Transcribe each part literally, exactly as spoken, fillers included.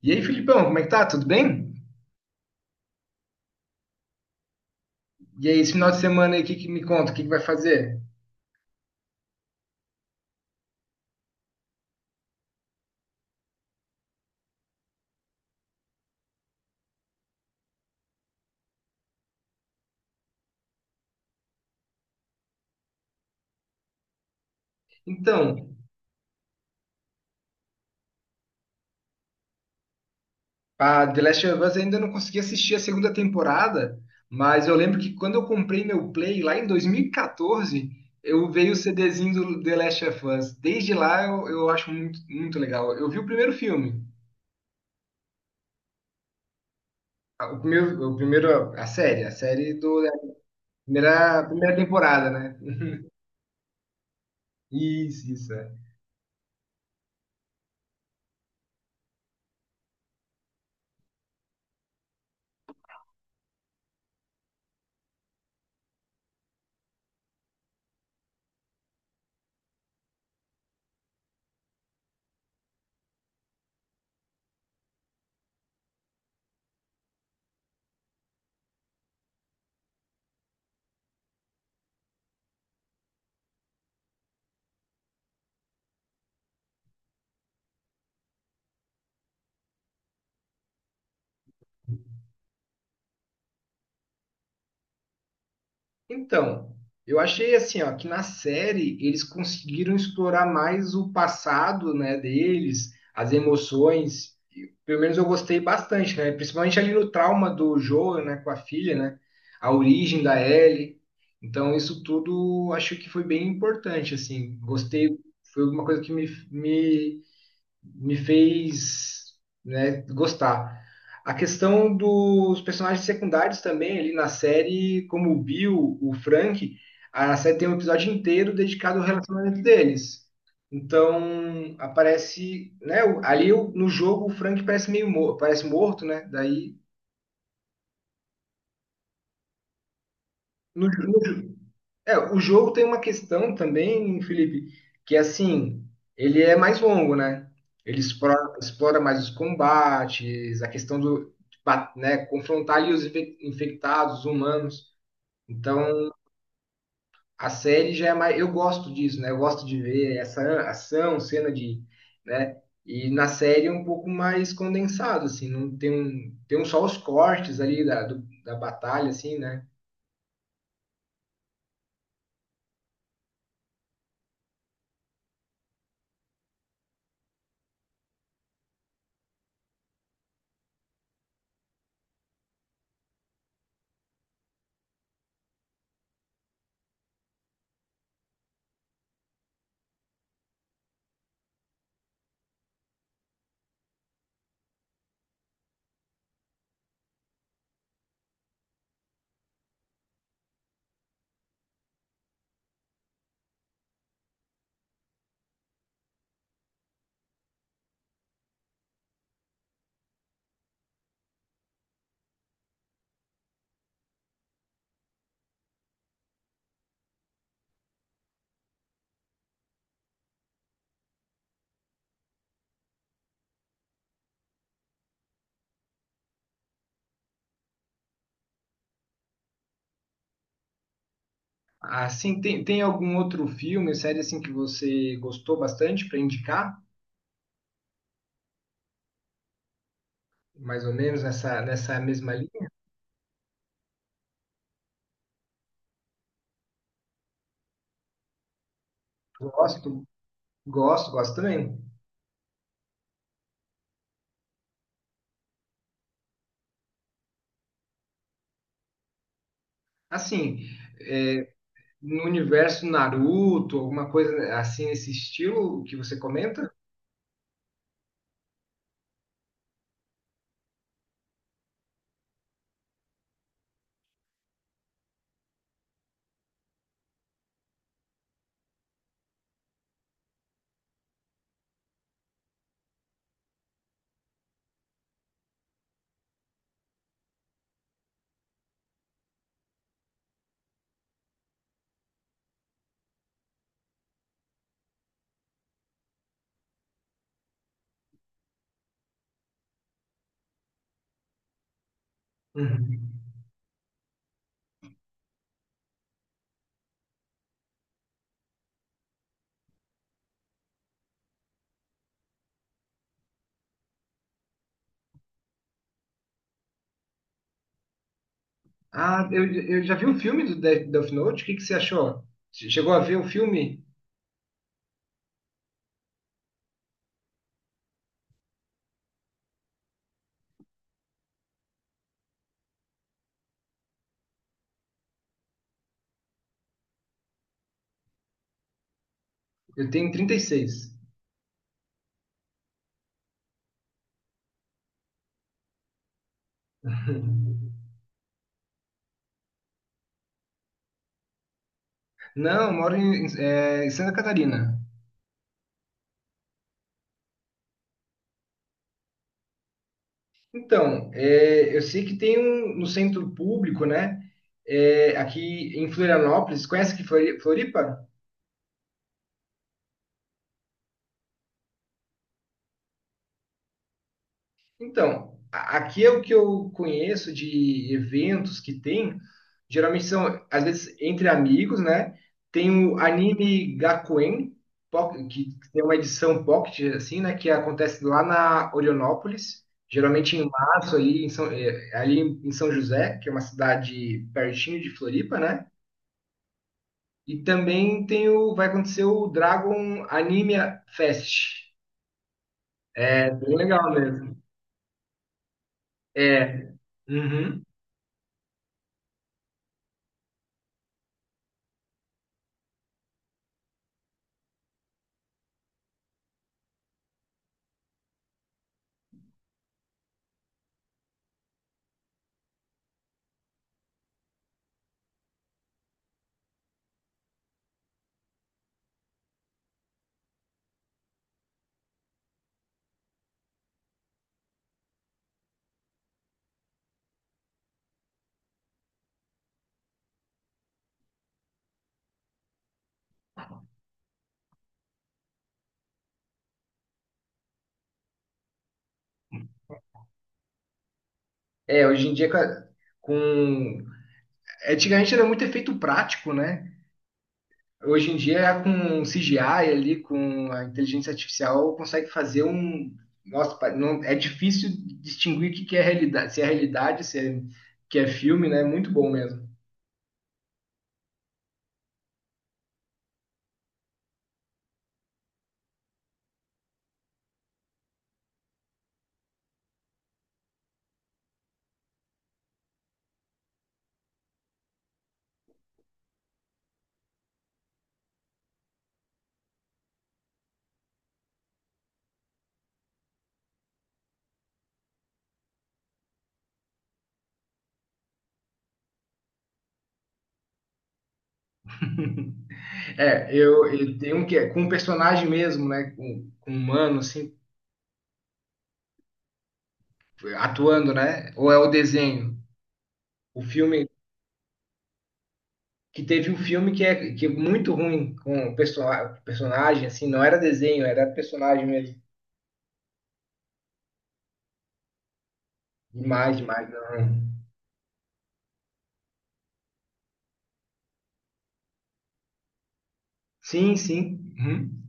E aí, Filipão, como é que tá? Tudo bem? E aí, esse final de semana aí, o que, que me conta? O que, que vai fazer? Então, a The Last of Us ainda não consegui assistir a segunda temporada, mas eu lembro que quando eu comprei meu Play lá em dois mil e quatorze, eu veio o CDzinho do The Last of Us. Desde lá eu, eu acho muito, muito legal. Eu vi o primeiro filme, a- o primeiro, o primeiro- a série, a série do, da primeira, primeira temporada, né? Isso, isso. É. Então, eu achei assim, ó, que na série eles conseguiram explorar mais o passado, né, deles, as emoções. E, pelo menos eu gostei bastante, né? Principalmente ali no trauma do Joel, né, com a filha, né? A origem da Ellie. Então, isso tudo acho que foi bem importante, assim. Gostei, foi uma coisa que me, me me fez, né, gostar. A questão dos personagens secundários também ali na série, como o Bill, o Frank, a série tem um episódio inteiro dedicado ao relacionamento deles. Então, aparece, né, o- ali o- no jogo o Frank parece meio mo- parece morto, né? Daí no, é, o jogo tem uma questão também, Felipe, que é assim, ele é mais longo, né? Ele explora, explora mais os combates, a questão do, de ba- né, confrontar ali os infe- infectados, os humanos. Então, a série já é mais, eu gosto disso, né? Eu gosto de ver essa ação, cena de, né? E na série é um pouco mais condensado, assim, não tem um, tem um só os cortes ali da, do- da batalha, assim, né? Assim, tem, tem algum outro filme, série assim que você gostou bastante para indicar? Mais ou menos nessa, nessa mesma linha? Gosto, gosto, gosto também. Assim, é, no universo Naruto, alguma coisa assim nesse estilo que você comenta? Uhum. Ah, eu, eu já vi o filme do Death Death Note, o que que você achou? Che- Chegou a ver o filme? Eu tenho trinta e seis. Não, eu moro em, em, é, em Santa Catarina. Então, é, eu sei que tem um no centro público, né? É, aqui em Florianópolis, conhece aqui Flori- Floripa? Então, a- aqui é o que eu conheço de eventos que tem. Geralmente são, às vezes, entre amigos, né? Tem o anime Gakuen, poc- que tem uma edição pocket, assim, né? Que acontece lá na Orionópolis, geralmente em março, ali em São, é, ali em São José, que é uma cidade pertinho de Floripa, né? E também tem o, vai acontecer o Dragon Anime Fest. É bem legal mesmo. É, uhum. É, hoje em dia com, a- com- antigamente era muito efeito prático, né? Hoje em dia com C G I ali, com a inteligência artificial, consegue fazer um... Nossa, pa- não, é difícil distinguir o que que é realidade, se é realidade, se é, que é filme, né? Muito bom mesmo. É, eu, eu tenho um que é com um personagem mesmo, né? Com, com um humano, assim, atuando, né? Ou é o desenho? O filme que teve um filme que é, que é muito ruim com o perso personagem, assim, não era desenho, era personagem mesmo. Demais, demais. Não. Sim, sim. Uhum.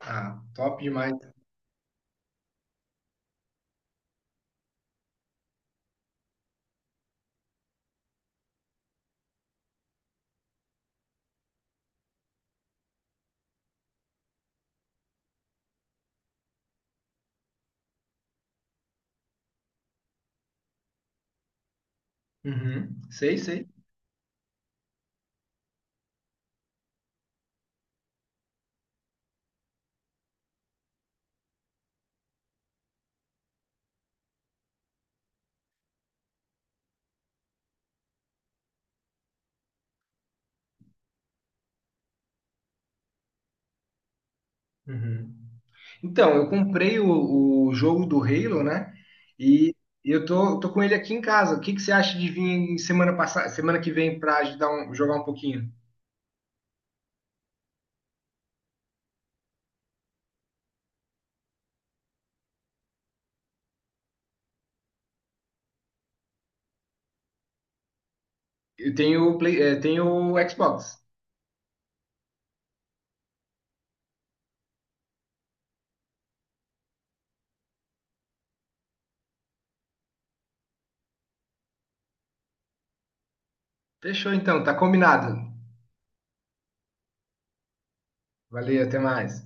Ah, top demais. Uhum. Sei, sei. Uhum. Então, eu comprei o, o jogo do Halo, né? E eu tô, tô com ele aqui em casa. O que que você acha de vir em semana passada, semana que vem para ajudar um, jogar um pouquinho? Eu tenho o Play, eh, tenho o Xbox. Fechou então, tá combinado. Valeu, até mais.